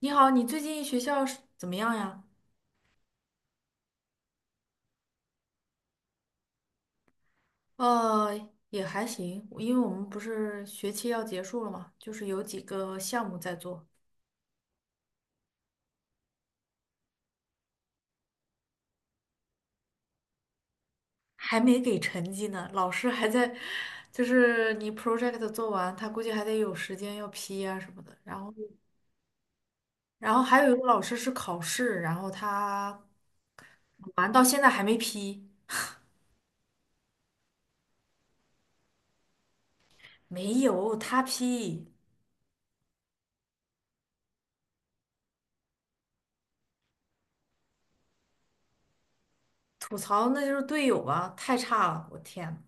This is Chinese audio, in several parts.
你好，你最近学校是怎么样呀？也还行，因为我们不是学期要结束了嘛，就是有几个项目在做。还没给成绩呢，老师还在，就是你 project 做完，他估计还得有时间要批啊什么的。然后还有一个老师是考试，然后他完到现在还没批，没有他批。吐槽那就是队友啊，太差了，我天呐。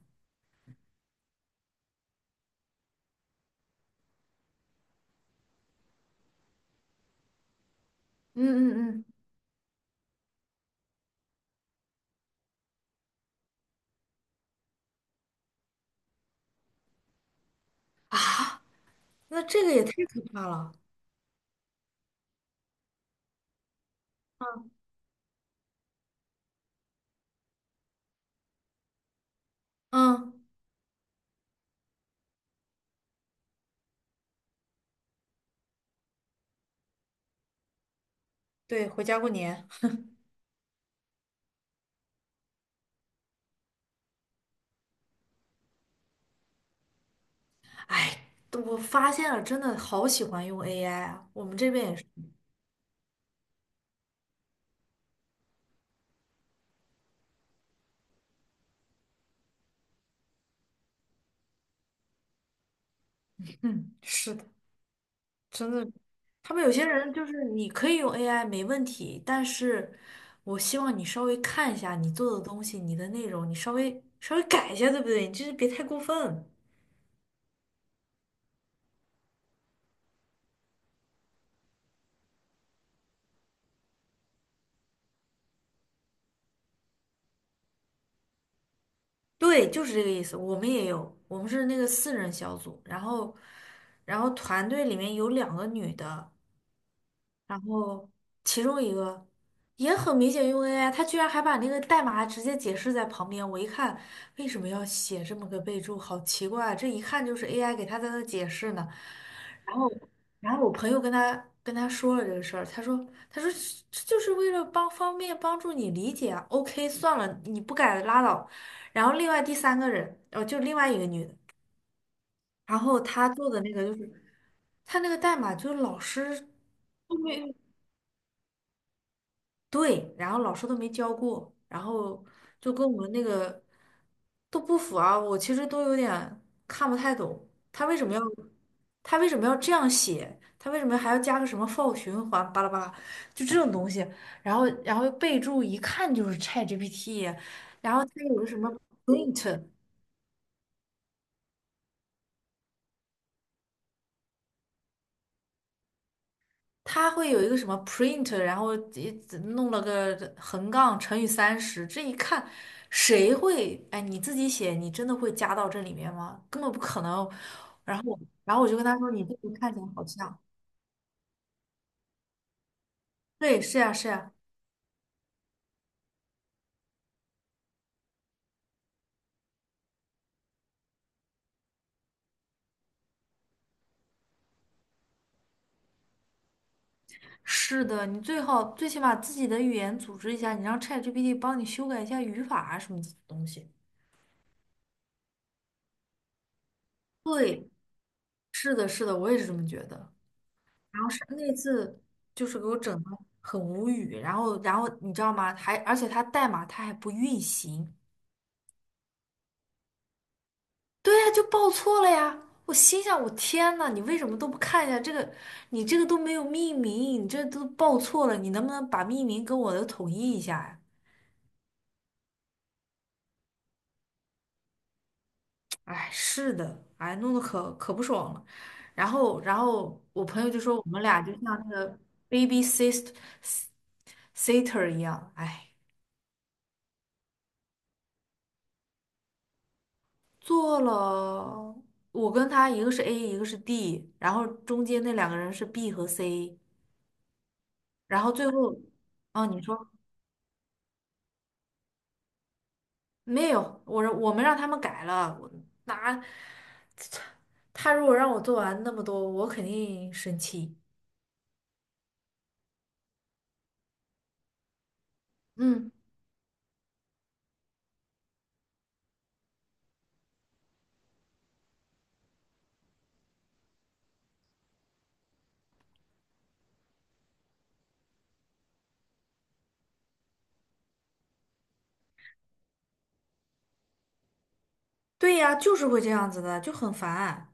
嗯啊，那这个也太可怕了。嗯。对，回家过年。哎，我发现了，真的好喜欢用 AI 啊！我们这边也是。嗯，是的，真的。他们有些人就是你可以用 AI 没问题，但是我希望你稍微看一下你做的东西，你的内容，你稍微改一下，对不对？你就是别太过分。对，就是这个意思。我们也有，我们是那个四人小组。然后，然后团队里面有两个女的，然后其中一个也很明显用 AI，他居然还把那个代码直接解释在旁边。我一看，为什么要写这么个备注？好奇怪啊，这一看就是 AI 给他在那解释呢。然后，然后我朋友跟他说了这个事儿，他说这就是为了帮方便帮助你理解啊。OK，算了，你不改拉倒。然后另外第三个人，哦，就另外一个女的，然后她做的那个就是她那个代码就是老师都没。对，然后老师都没教过，然后就跟我们那个都不符啊。我其实都有点看不太懂，他为什么要这样写，他为什么还要加个什么 for 循环巴拉巴拉，就这种东西。然后备注一看就是 ChatGPT，然后他有个什么 print。他会有一个什么 print，然后一弄了个横杠乘以30。这一看，谁会？哎，你自己写，你真的会加到这里面吗？根本不可能。然后我然后我就跟他说，你这个看起来好像，对，是呀，是呀。是的，你最好最起码自己的语言组织一下，你让 ChatGPT 帮你修改一下语法啊什么东西。对，是的，是的，我也是这么觉得。然后是那次就是给我整的很无语。然后你知道吗？还而且它代码它还不运行。对呀，就报错了呀。我心想，我天呐，你为什么都不看一下这个？你这个都没有命名，你这都报错了，你能不能把命名跟我的统一一下呀？哎，是的，哎，弄得可不爽了。然后，然后我朋友就说我们俩就像那个 baby sister s i s t e r 一样，哎。做了，我跟他一个是 A，一个是 D，然后中间那两个人是 B 和 C，然后最后，哦，你说没有，我们让他们改了。我拿他如果让我做完那么多，我肯定生气。嗯，对呀，就是会这样子的，就很烦。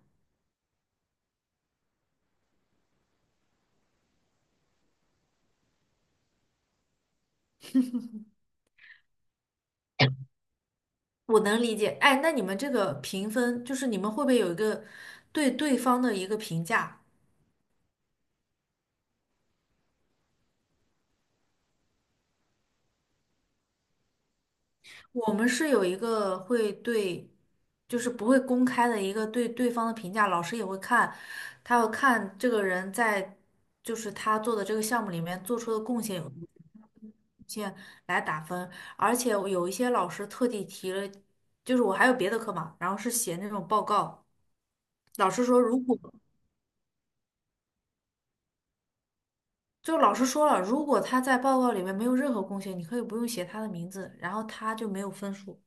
我能理解。哎，那你们这个评分，就是你们会不会有一个对对方的一个评价？我们是有一个会，对，就是不会公开的一个对对方的评价，老师也会看，他要看这个人在就是他做的这个项目里面做出的贡献有多。贡献来打分。而且我有一些老师特地提了，就是我还有别的课嘛，然后是写那种报告。老师说如果老师说了，如果他在报告里面没有任何贡献，你可以不用写他的名字，然后他就没有分数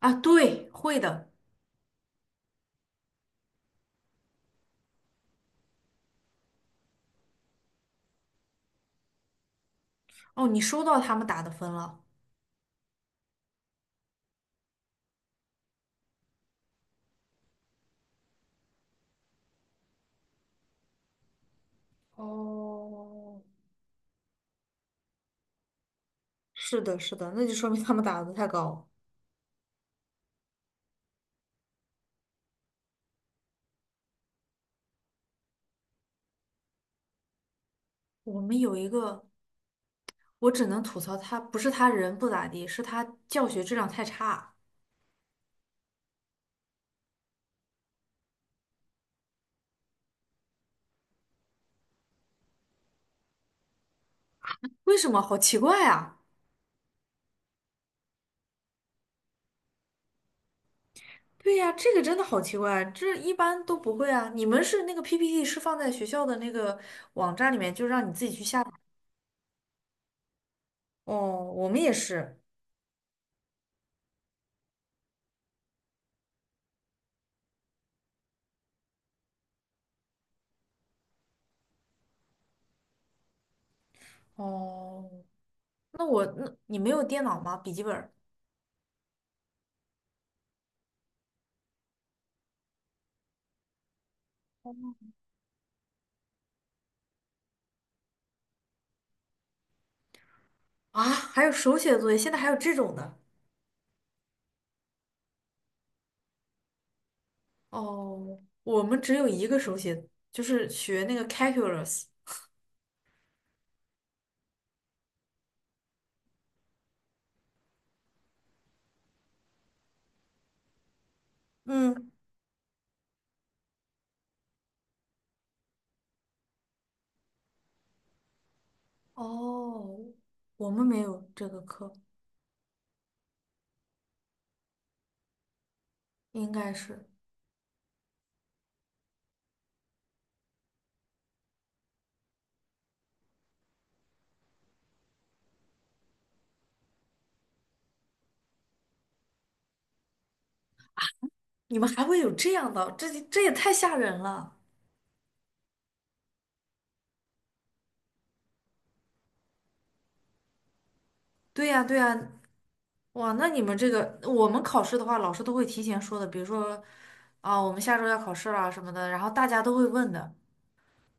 啊。对，会的。哦，你收到他们打的分了。哦，是的，是的，那就说明他们打的太高。我们有一个，我只能吐槽他，不是他人不咋地，是他教学质量太差。为什么？好奇怪啊！对呀，这个真的好奇怪，这一般都不会啊。你们是那个 PPT 是放在学校的那个网站里面，就让你自己去下载。哦，我们也是。哦，那你没有电脑吗？笔记本儿。啊，还有手写作业，现在还有这种的。哦，我们只有一个手写，就是学那个 calculus。嗯，哦，我们没有这个课。应该是。你们还会有这样的？这也太吓人了。对呀，对呀。哇，那你们这个，我们考试的话，老师都会提前说的，比如说，啊，我们下周要考试了什么的，然后大家都会问的。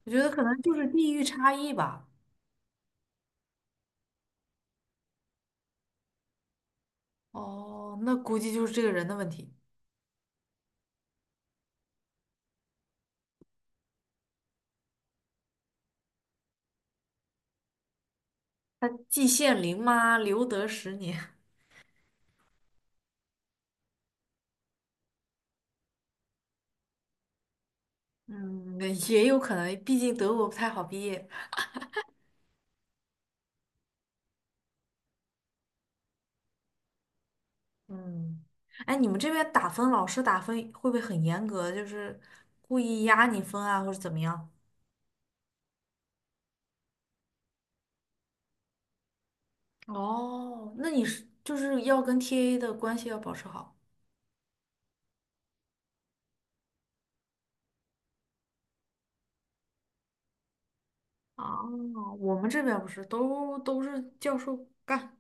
我觉得可能就是地域差异吧。哦，那估计就是这个人的问题。他季羡林吗？留得10年。嗯，也有可能，毕竟德国不太好毕业。嗯，哎，你们这边打分，老师打分会不会很严格？就是故意压你分啊，或者怎么样？哦，那你是就是要跟 TA 的关系要保持好啊。我们这边不是都是教授干。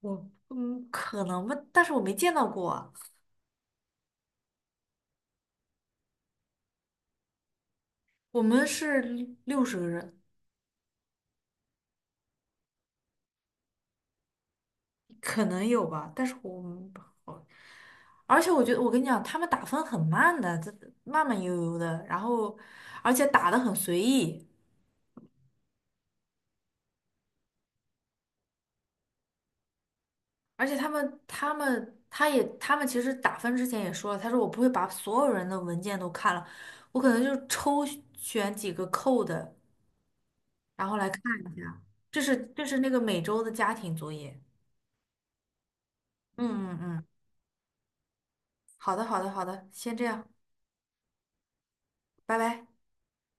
我嗯可能吧，但是我没见到过啊。我们是60个人。可能有吧，但是我，而且我觉得我跟你讲，他们打分很慢的，这慢慢悠悠的，然后而且打的很随意。而且他们其实打分之前也说了，他说我不会把所有人的文件都看了，我可能就抽选几个扣的，然后来看一下，这是这是那个每周的家庭作业。嗯，好的，先这样，拜拜。